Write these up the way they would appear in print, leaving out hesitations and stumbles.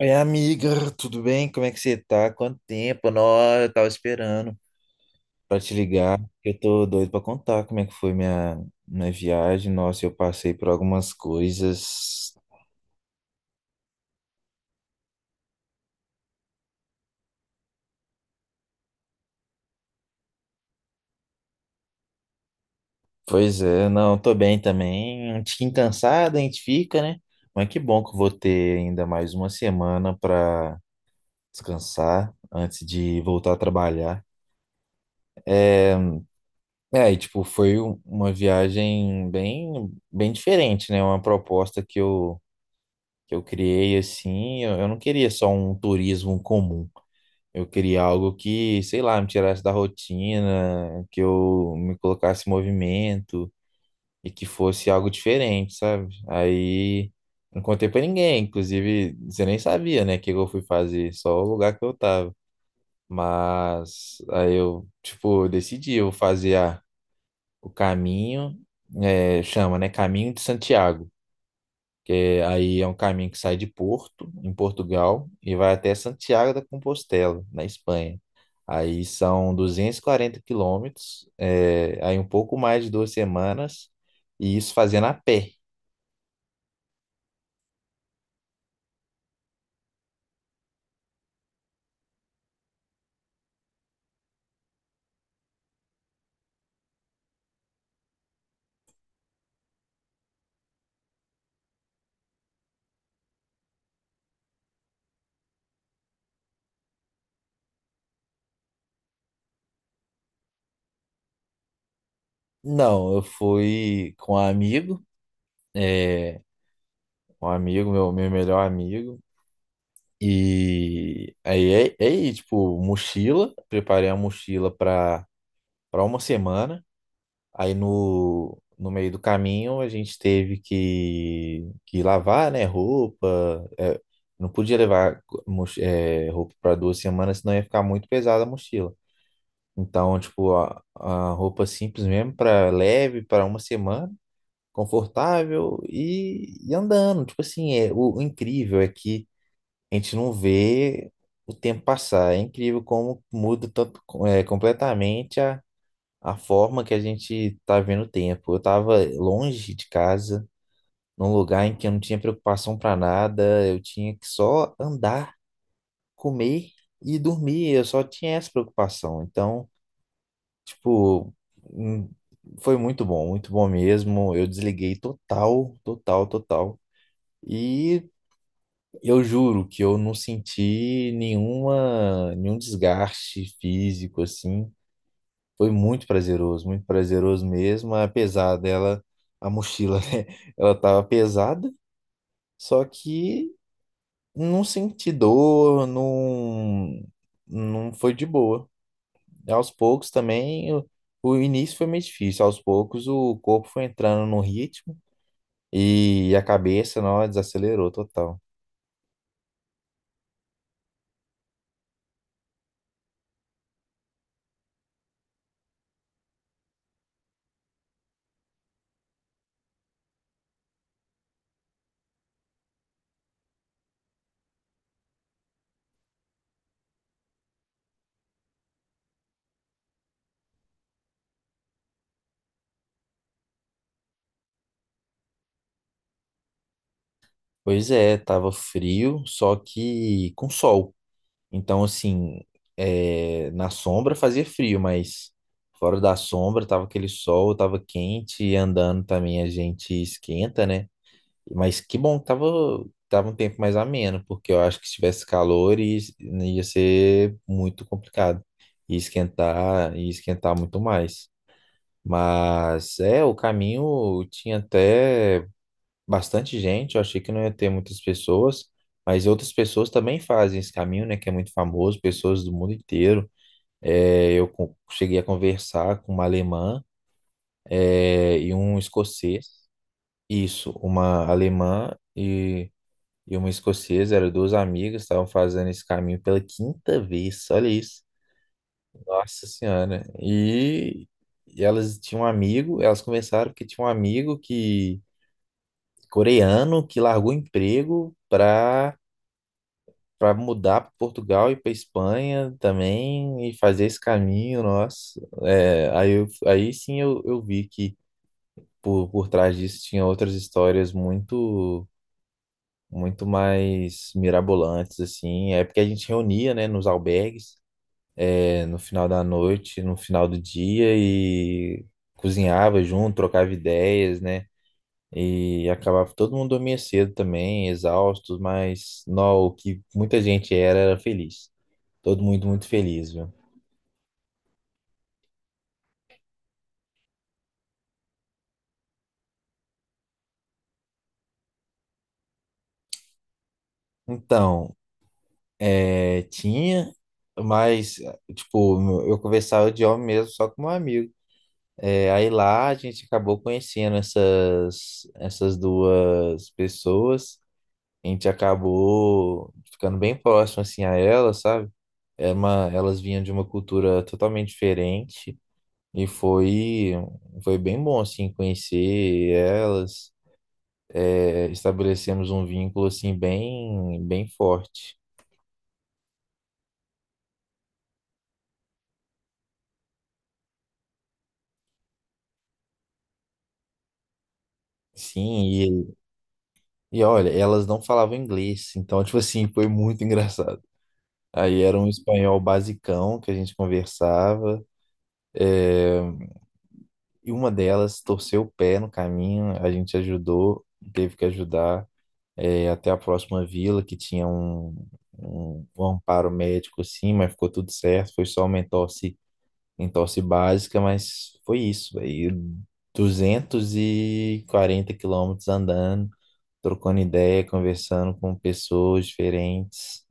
Oi, amiga, tudo bem? Como é que você tá? Quanto tempo? Nossa, eu tava esperando pra te ligar. Eu tô doido pra contar como é que foi minha viagem. Nossa, eu passei por algumas coisas. Pois é, não, tô bem também. Um tiquinho cansado, a gente fica, né? Mas que bom que eu vou ter ainda mais uma semana pra descansar antes de voltar a trabalhar. É, é, e tipo, foi uma viagem bem, bem diferente, né? Uma proposta que eu criei assim, eu não queria só um turismo comum. Eu queria algo que, sei lá, me tirasse da rotina, que eu me colocasse em movimento e que fosse algo diferente, sabe? Aí não contei pra ninguém, inclusive você nem sabia, né, o que eu fui fazer, só o lugar que eu tava. Mas aí eu, tipo, decidi, eu vou fazer o caminho, é, chama, né, Caminho de Santiago que aí é um caminho que sai de Porto, em Portugal, e vai até Santiago da Compostela, na Espanha. Aí são 240 km, é, aí um pouco mais de 2 semanas, e isso fazendo a pé. Não, eu fui com um amigo, é, um amigo, meu melhor amigo, e aí tipo, mochila, preparei a mochila para uma semana. Aí no meio do caminho a gente teve que lavar, né, roupa. É, não podia levar roupa para 2 semanas, senão ia ficar muito pesada a mochila. Então, tipo, a roupa simples mesmo, para leve, para uma semana, confortável e andando. Tipo assim, é, o incrível é que a gente não vê o tempo passar. É incrível como muda tanto, é, completamente a forma que a gente tá vendo o tempo. Eu tava longe de casa, num lugar em que eu não tinha preocupação para nada, eu tinha que só andar, comer e dormir, eu só tinha essa preocupação. Então, tipo, hum, foi muito bom mesmo. Eu desliguei total, total, total. E eu juro que eu não senti nenhuma, nenhum desgaste físico assim. Foi muito prazeroso mesmo, apesar dela, a mochila, né? Ela tava pesada, só que não senti dor, não, não foi de boa. Aos poucos também, o início foi meio difícil, aos poucos o corpo foi entrando no ritmo e a cabeça, não, desacelerou total. Pois é, tava frio, só que com sol. Então, assim, é, na sombra fazia frio, mas fora da sombra tava aquele sol, tava quente e andando também a gente esquenta, né? Mas que bom que tava um tempo mais ameno, porque eu acho que se tivesse calor ia ser muito complicado. Ia esquentar muito mais. Mas é, o caminho tinha até bastante gente, eu achei que não ia ter muitas pessoas, mas outras pessoas também fazem esse caminho, né, que é muito famoso, pessoas do mundo inteiro. É, eu cheguei a conversar com uma alemã, é, e um escocês, isso, uma alemã e uma escocesa, eram duas amigas, estavam fazendo esse caminho pela quinta vez, olha isso, nossa senhora. E... E elas tinham um amigo, elas começaram porque tinha um amigo que coreano que largou o emprego para mudar para Portugal e para Espanha também e fazer esse caminho, nossa. É, aí, aí sim eu vi que por trás disso tinha outras histórias muito muito mais mirabolantes assim. É porque a gente reunia, né, nos albergues, é, no final da noite, no final do dia e cozinhava junto, trocava ideias, né? E acabava todo mundo dormia cedo também, exaustos, mas não, o que muita gente era feliz. Todo mundo muito feliz, viu? Então, é, tinha, mas, tipo, eu conversava de homem mesmo, só com um amigo. É, aí lá a gente acabou conhecendo essas duas pessoas. A gente acabou ficando bem próximo, assim, a elas, sabe? Era uma, elas vinham de uma cultura totalmente diferente e foi, foi bem bom, assim, conhecer elas. É, estabelecemos um vínculo, assim, bem, bem forte. Sim, e olha, elas não falavam inglês, então, tipo assim, foi muito engraçado. Aí era um espanhol basicão que a gente conversava, é, e uma delas torceu o pé no caminho, a gente ajudou, teve que ajudar, é, até a próxima vila, que tinha um amparo médico, assim, mas ficou tudo certo, foi só uma entorse, entorse básica, mas foi isso, aí 240 km andando, trocando ideia, conversando com pessoas diferentes.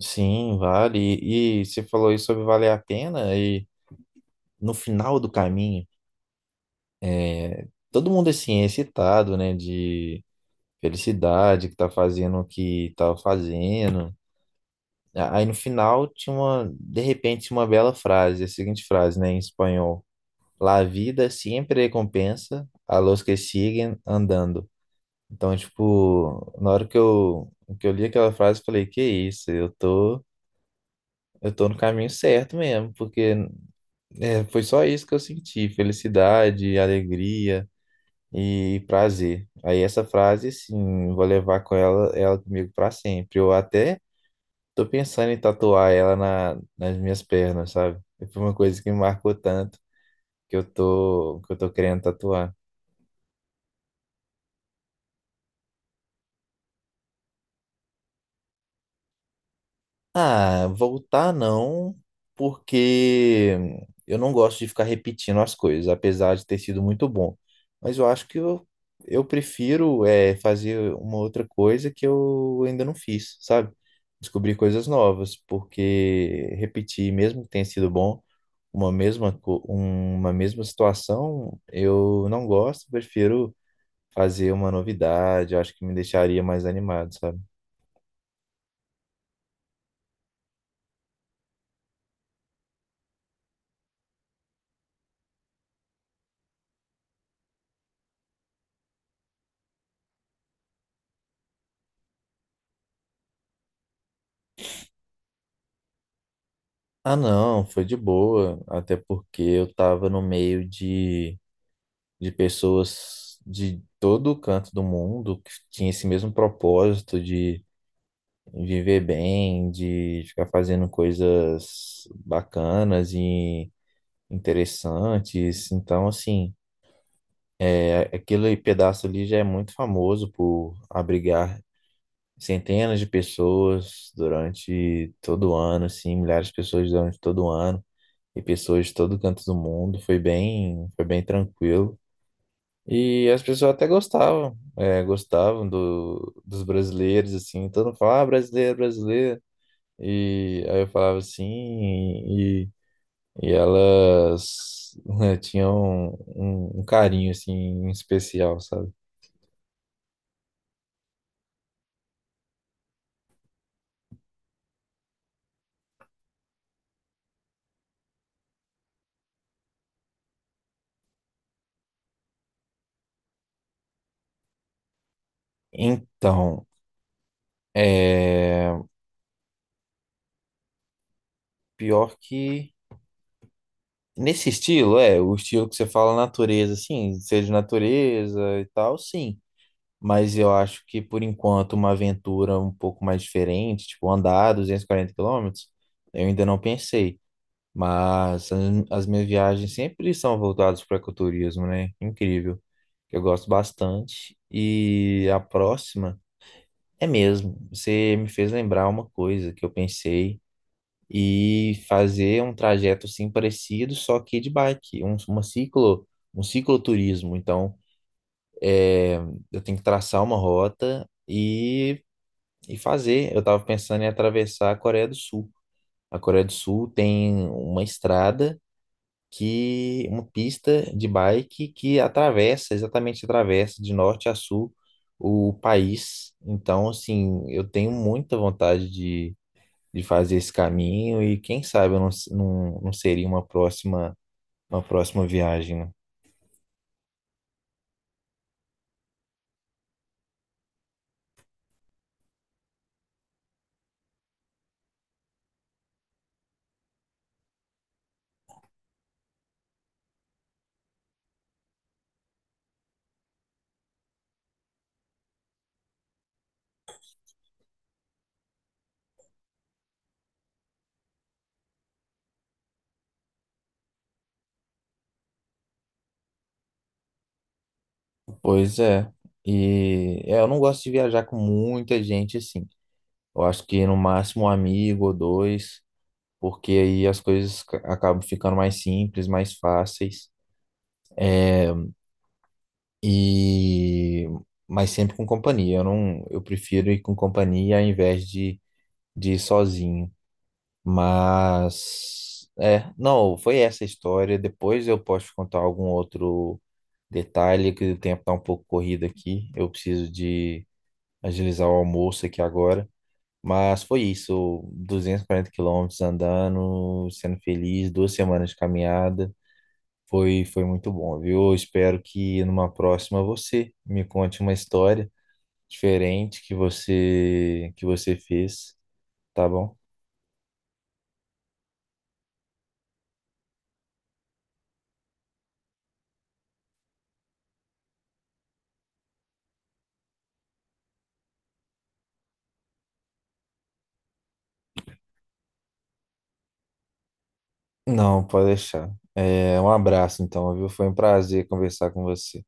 Sim, vale. E você falou isso sobre valer a pena e no final do caminho, é, todo mundo é assim é excitado, né, de felicidade que tá fazendo o que tá fazendo. Aí no final tinha uma, de repente, tinha uma bela frase, a seguinte frase, né, em espanhol: La vida siempre recompensa a los que siguen andando. Então, tipo, na hora que eu li aquela frase, eu falei, que isso, eu tô no caminho certo mesmo, porque é, foi só isso que eu senti, felicidade, alegria e prazer. Aí essa frase, assim, eu vou levar com ela, ela comigo pra sempre. Eu até tô pensando em tatuar ela nas minhas pernas, sabe? Foi uma coisa que me marcou tanto que eu tô querendo tatuar. Ah, voltar não, porque eu não gosto de ficar repetindo as coisas, apesar de ter sido muito bom. Mas eu acho que eu prefiro é, fazer uma outra coisa que eu ainda não fiz, sabe? Descobrir coisas novas, porque repetir, mesmo que tenha sido bom, uma mesma, uma mesma situação, eu não gosto, prefiro fazer uma novidade, eu acho que me deixaria mais animado, sabe? Ah, não, foi de boa, até porque eu tava no meio de pessoas de todo o canto do mundo que tinha esse mesmo propósito de viver bem, de ficar fazendo coisas bacanas e interessantes. Então, assim, é, aquele pedaço ali já é muito famoso por abrigar centenas de pessoas durante todo o ano, assim, milhares de pessoas durante todo o ano, e pessoas de todo canto do mundo. Foi bem tranquilo. E as pessoas até gostavam, é, gostavam dos brasileiros, assim. Todo mundo falava, ah, brasileiro, brasileiro. E aí eu falava assim, e elas né, tinham um carinho, assim, especial, sabe? Então, é, pior que nesse estilo, é, o estilo que você fala natureza, assim, ser de natureza e tal, sim. Mas eu acho que, por enquanto, uma aventura um pouco mais diferente, tipo andar 240 km, eu ainda não pensei. Mas as minhas viagens sempre são voltadas para ecoturismo, né? Incrível. Eu gosto bastante. E a próxima é mesmo. Você me fez lembrar uma coisa que eu pensei e fazer um trajeto assim parecido, só que de bike, um, uma ciclo, um cicloturismo. Então, é, eu tenho que traçar uma rota e fazer. Eu estava pensando em atravessar a Coreia do Sul. A Coreia do Sul tem uma estrada que, uma pista de bike que atravessa, exatamente atravessa de norte a sul o país. Então, assim, eu tenho muita vontade de fazer esse caminho e quem sabe eu não, não, não seria uma próxima viagem, né? Pois é. E é, eu não gosto de viajar com muita gente assim. Eu acho que no máximo um amigo ou dois, porque aí as coisas acabam ficando mais simples, mais fáceis e mas sempre com companhia. Eu não, eu prefiro ir com companhia ao invés de ir sozinho. Mas é, não, foi essa a história. Depois eu posso te contar algum outro detalhe que o tempo tá um pouco corrido aqui. Eu preciso de agilizar o almoço aqui agora. Mas foi isso, 240 km andando, sendo feliz, 2 semanas de caminhada. Foi, foi muito bom, viu? Eu espero que numa próxima você me conte uma história diferente que você fez, tá bom? Não, pode deixar. É, um abraço então, viu? Foi um prazer conversar com você.